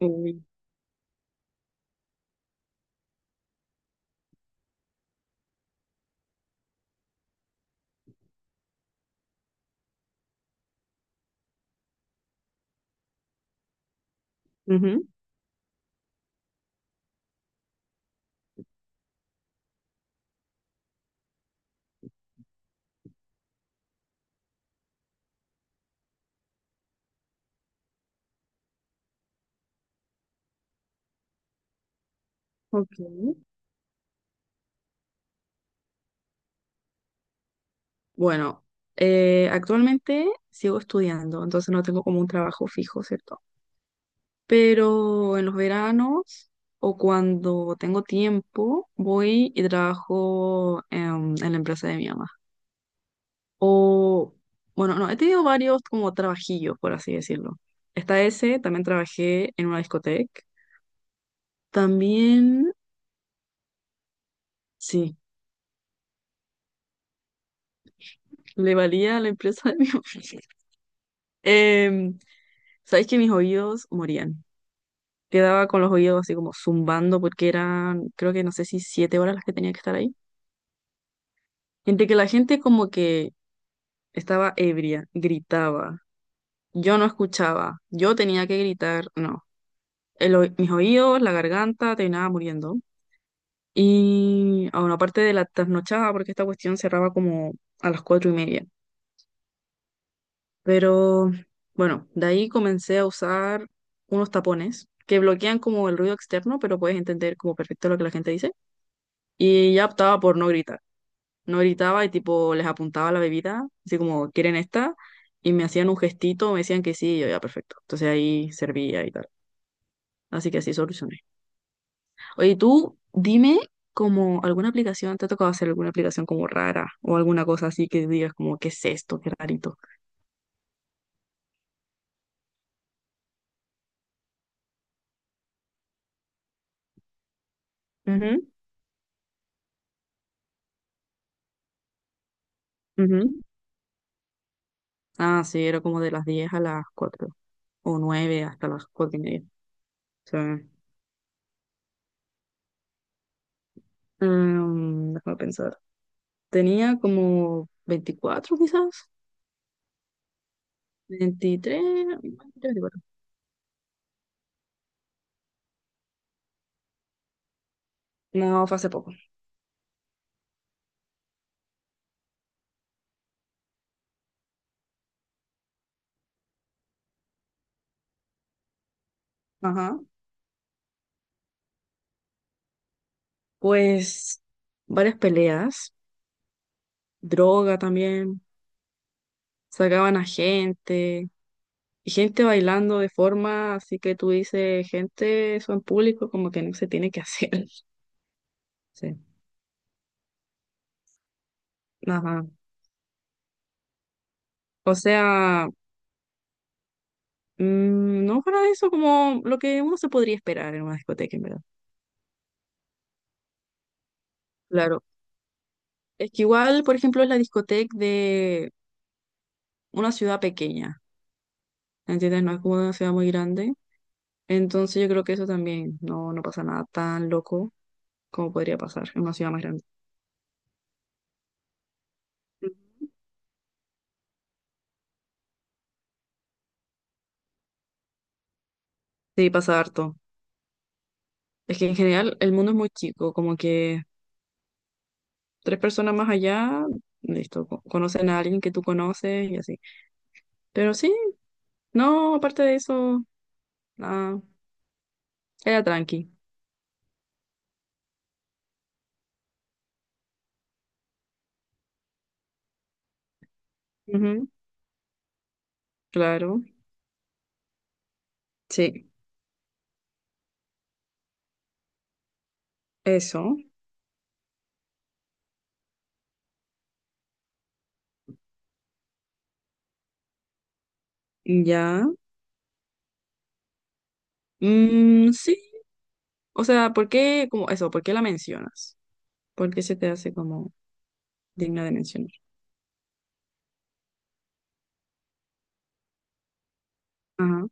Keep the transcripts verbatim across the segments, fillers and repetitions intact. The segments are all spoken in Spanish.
Eh, Ujú, ok. Bueno, eh, actualmente sigo estudiando, entonces no tengo como un trabajo fijo, ¿cierto? Pero en los veranos o cuando tengo tiempo, voy y trabajo em, en, la empresa de mi mamá. O, bueno, no, he tenido varios como trabajillos, por así decirlo. Está ese, también trabajé en una discoteca. También, sí, le valía a la empresa de mi mamá. Em, Sabéis que mis oídos morían. Quedaba con los oídos así como zumbando porque eran, creo que no sé si siete horas las que tenía que estar ahí. Entre que la gente como que estaba ebria, gritaba, yo no escuchaba, yo tenía que gritar, no. El oí- mis oídos, la garganta, terminaba muriendo. Y aún aparte de la trasnochada, porque esta cuestión cerraba como a las cuatro y media. Pero bueno, de ahí comencé a usar unos tapones que bloquean como el ruido externo, pero puedes entender como perfecto lo que la gente dice. Y ya optaba por no gritar. no gritaba y tipo les apuntaba la bebida, así como, ¿quieren esta? Y me hacían un gestito, me decían que sí, y yo ya, perfecto. Entonces ahí servía y tal. Así que así solucioné. Oye, tú dime como alguna aplicación, ¿te ha tocado hacer alguna aplicación como rara o alguna cosa así que digas como, ¿qué es esto? Qué rarito. Ujú, ujú. Ah, sí, era como de las diez a las cuatro o nueve hasta las cuatro y media. Sí. Mm, déjame pensar. Tenía como veinticuatro quizás, veintitrés veinticuatro. No, fue hace poco. Ajá. Pues varias peleas, droga también, sacaban a gente, y gente bailando de forma así que tú dices, gente, eso en público como que no se tiene que hacer. Sí. Ajá. O sea, mm, no para eso como lo que uno se podría esperar en una discoteca, en verdad. Claro. Es que igual, por ejemplo, es la discoteca de una ciudad pequeña, ¿entiendes? No es como una ciudad muy grande. Entonces yo creo que eso también no, no pasa nada tan loco como podría pasar en una ciudad más grande. Sí, pasa harto. Es que en general el mundo es muy chico, como que tres personas más allá, listo, co- conocen a alguien que tú conoces y así. Pero sí, no, aparte de eso, nada, era tranqui. Ujú, claro, sí, eso, ya. Mm, sí, o sea, ¿por qué, como eso, por qué la mencionas? ¿Por qué se te hace como digna de mencionar? Ajá,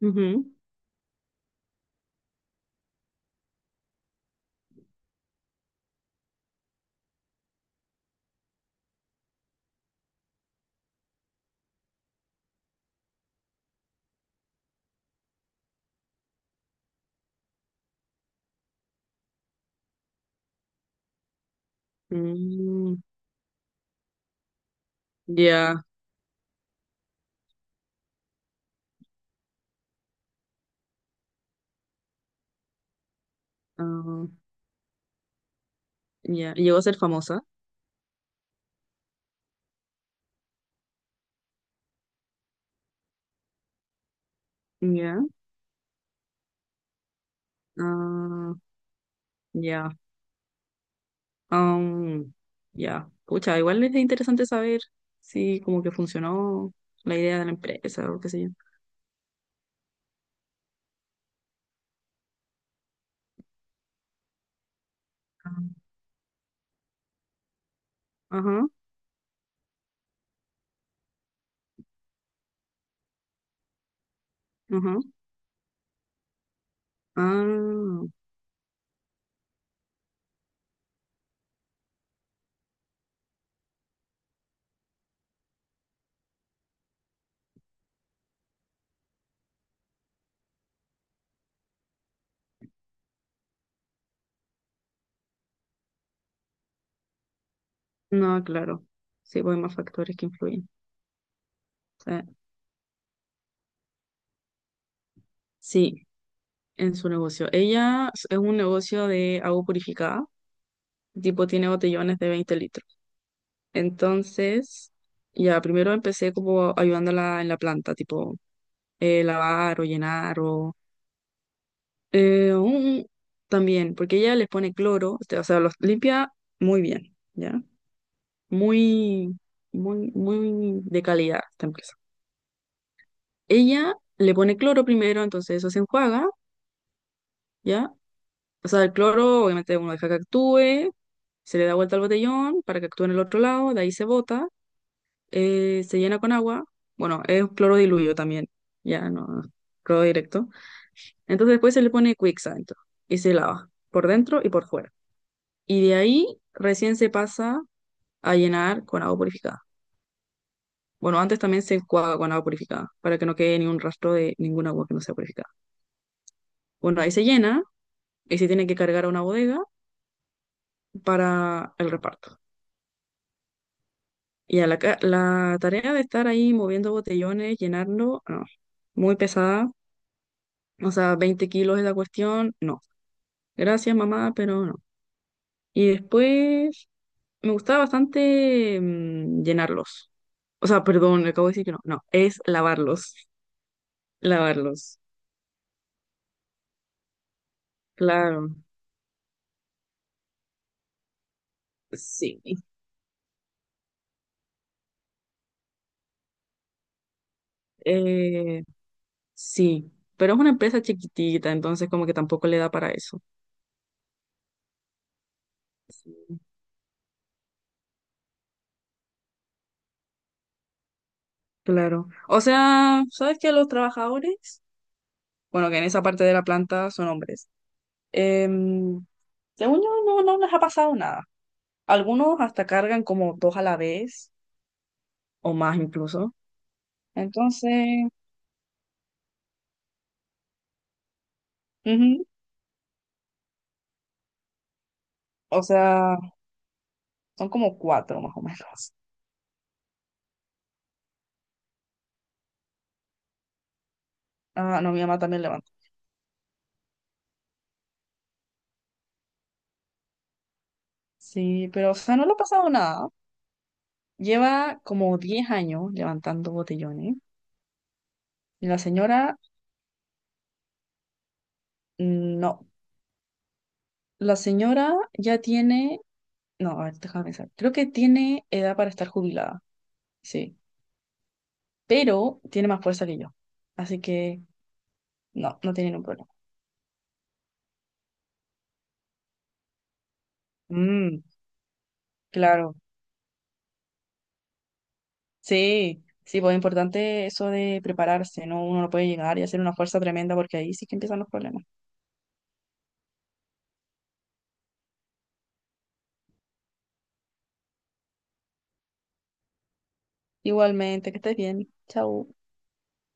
ujú, mm, ya, ah, ya. Llegó a ser famosa. Ya, ah, ya. am, ya. Pucha, igual es interesante saber si como que funcionó la idea de la empresa o qué sé yo. Ah, ajá, ajá. Ah, no, claro. Sí, pues hay más factores que influyen. Eh, sí, en su negocio. Ella es un negocio de agua purificada. El tipo, tiene botellones de veinte litros. Entonces, ya primero empecé como ayudándola en la planta, tipo eh, lavar o llenar o eh, un- también, porque ella les pone cloro, este, o sea, los limpia muy bien, ¿ya? Muy, muy, muy de calidad esta empresa. Ella le pone cloro primero, entonces eso se enjuaga, ¿ya? O sea, el cloro obviamente uno deja que actúe, se le da vuelta al botellón para que actúe en el otro lado, de ahí se bota eh, se llena con agua, bueno, es cloro diluido también, ya no, cloro directo. Entonces después se le pone Quicks adentro y se lava por dentro y por fuera. Y de ahí recién se pasa a llenar con agua purificada. Bueno, antes también se enjuaga con agua purificada para que no quede ni un rastro de ningún agua que no sea purificada. Bueno, ahí se llena y se tiene que cargar a una bodega para el reparto. Y a la, ca- la tarea de estar ahí moviendo botellones, llenarlo, no, muy pesada. O sea, veinte kilos es la cuestión, no. Gracias, mamá, pero no. Y después me gustaba bastante mm, llenarlos. O sea, perdón, acabo de decir que no. No, es lavarlos. Lavarlos. Claro, sí. Eh, sí, pero es una empresa chiquitita, entonces como que tampoco le da para eso. Sí. Claro. O sea, ¿sabes que los trabajadores? Bueno, que en esa parte de la planta son hombres. Em, según yo, no, no les ha pasado nada. Algunos hasta cargan como dos a la vez o más incluso. Entonces, ujú, o sea, son como cuatro más o menos. Ah, no, mi mamá también levanta. Sí, pero, o sea, no le ha pasado nada. Lleva como diez años levantando botellones. Y la señora, mm, no. La señora ya tiene, no, a ver, déjame pensar. Creo que tiene edad para estar jubilada, sí. Pero tiene más fuerza que yo. Así que, no, no tiene ningún problema. Mm, claro. Sí, sí, pues es importante eso de prepararse, ¿no? Uno no puede llegar y hacer una fuerza tremenda porque ahí sí que empiezan los problemas. Igualmente, que estés bien. Chau.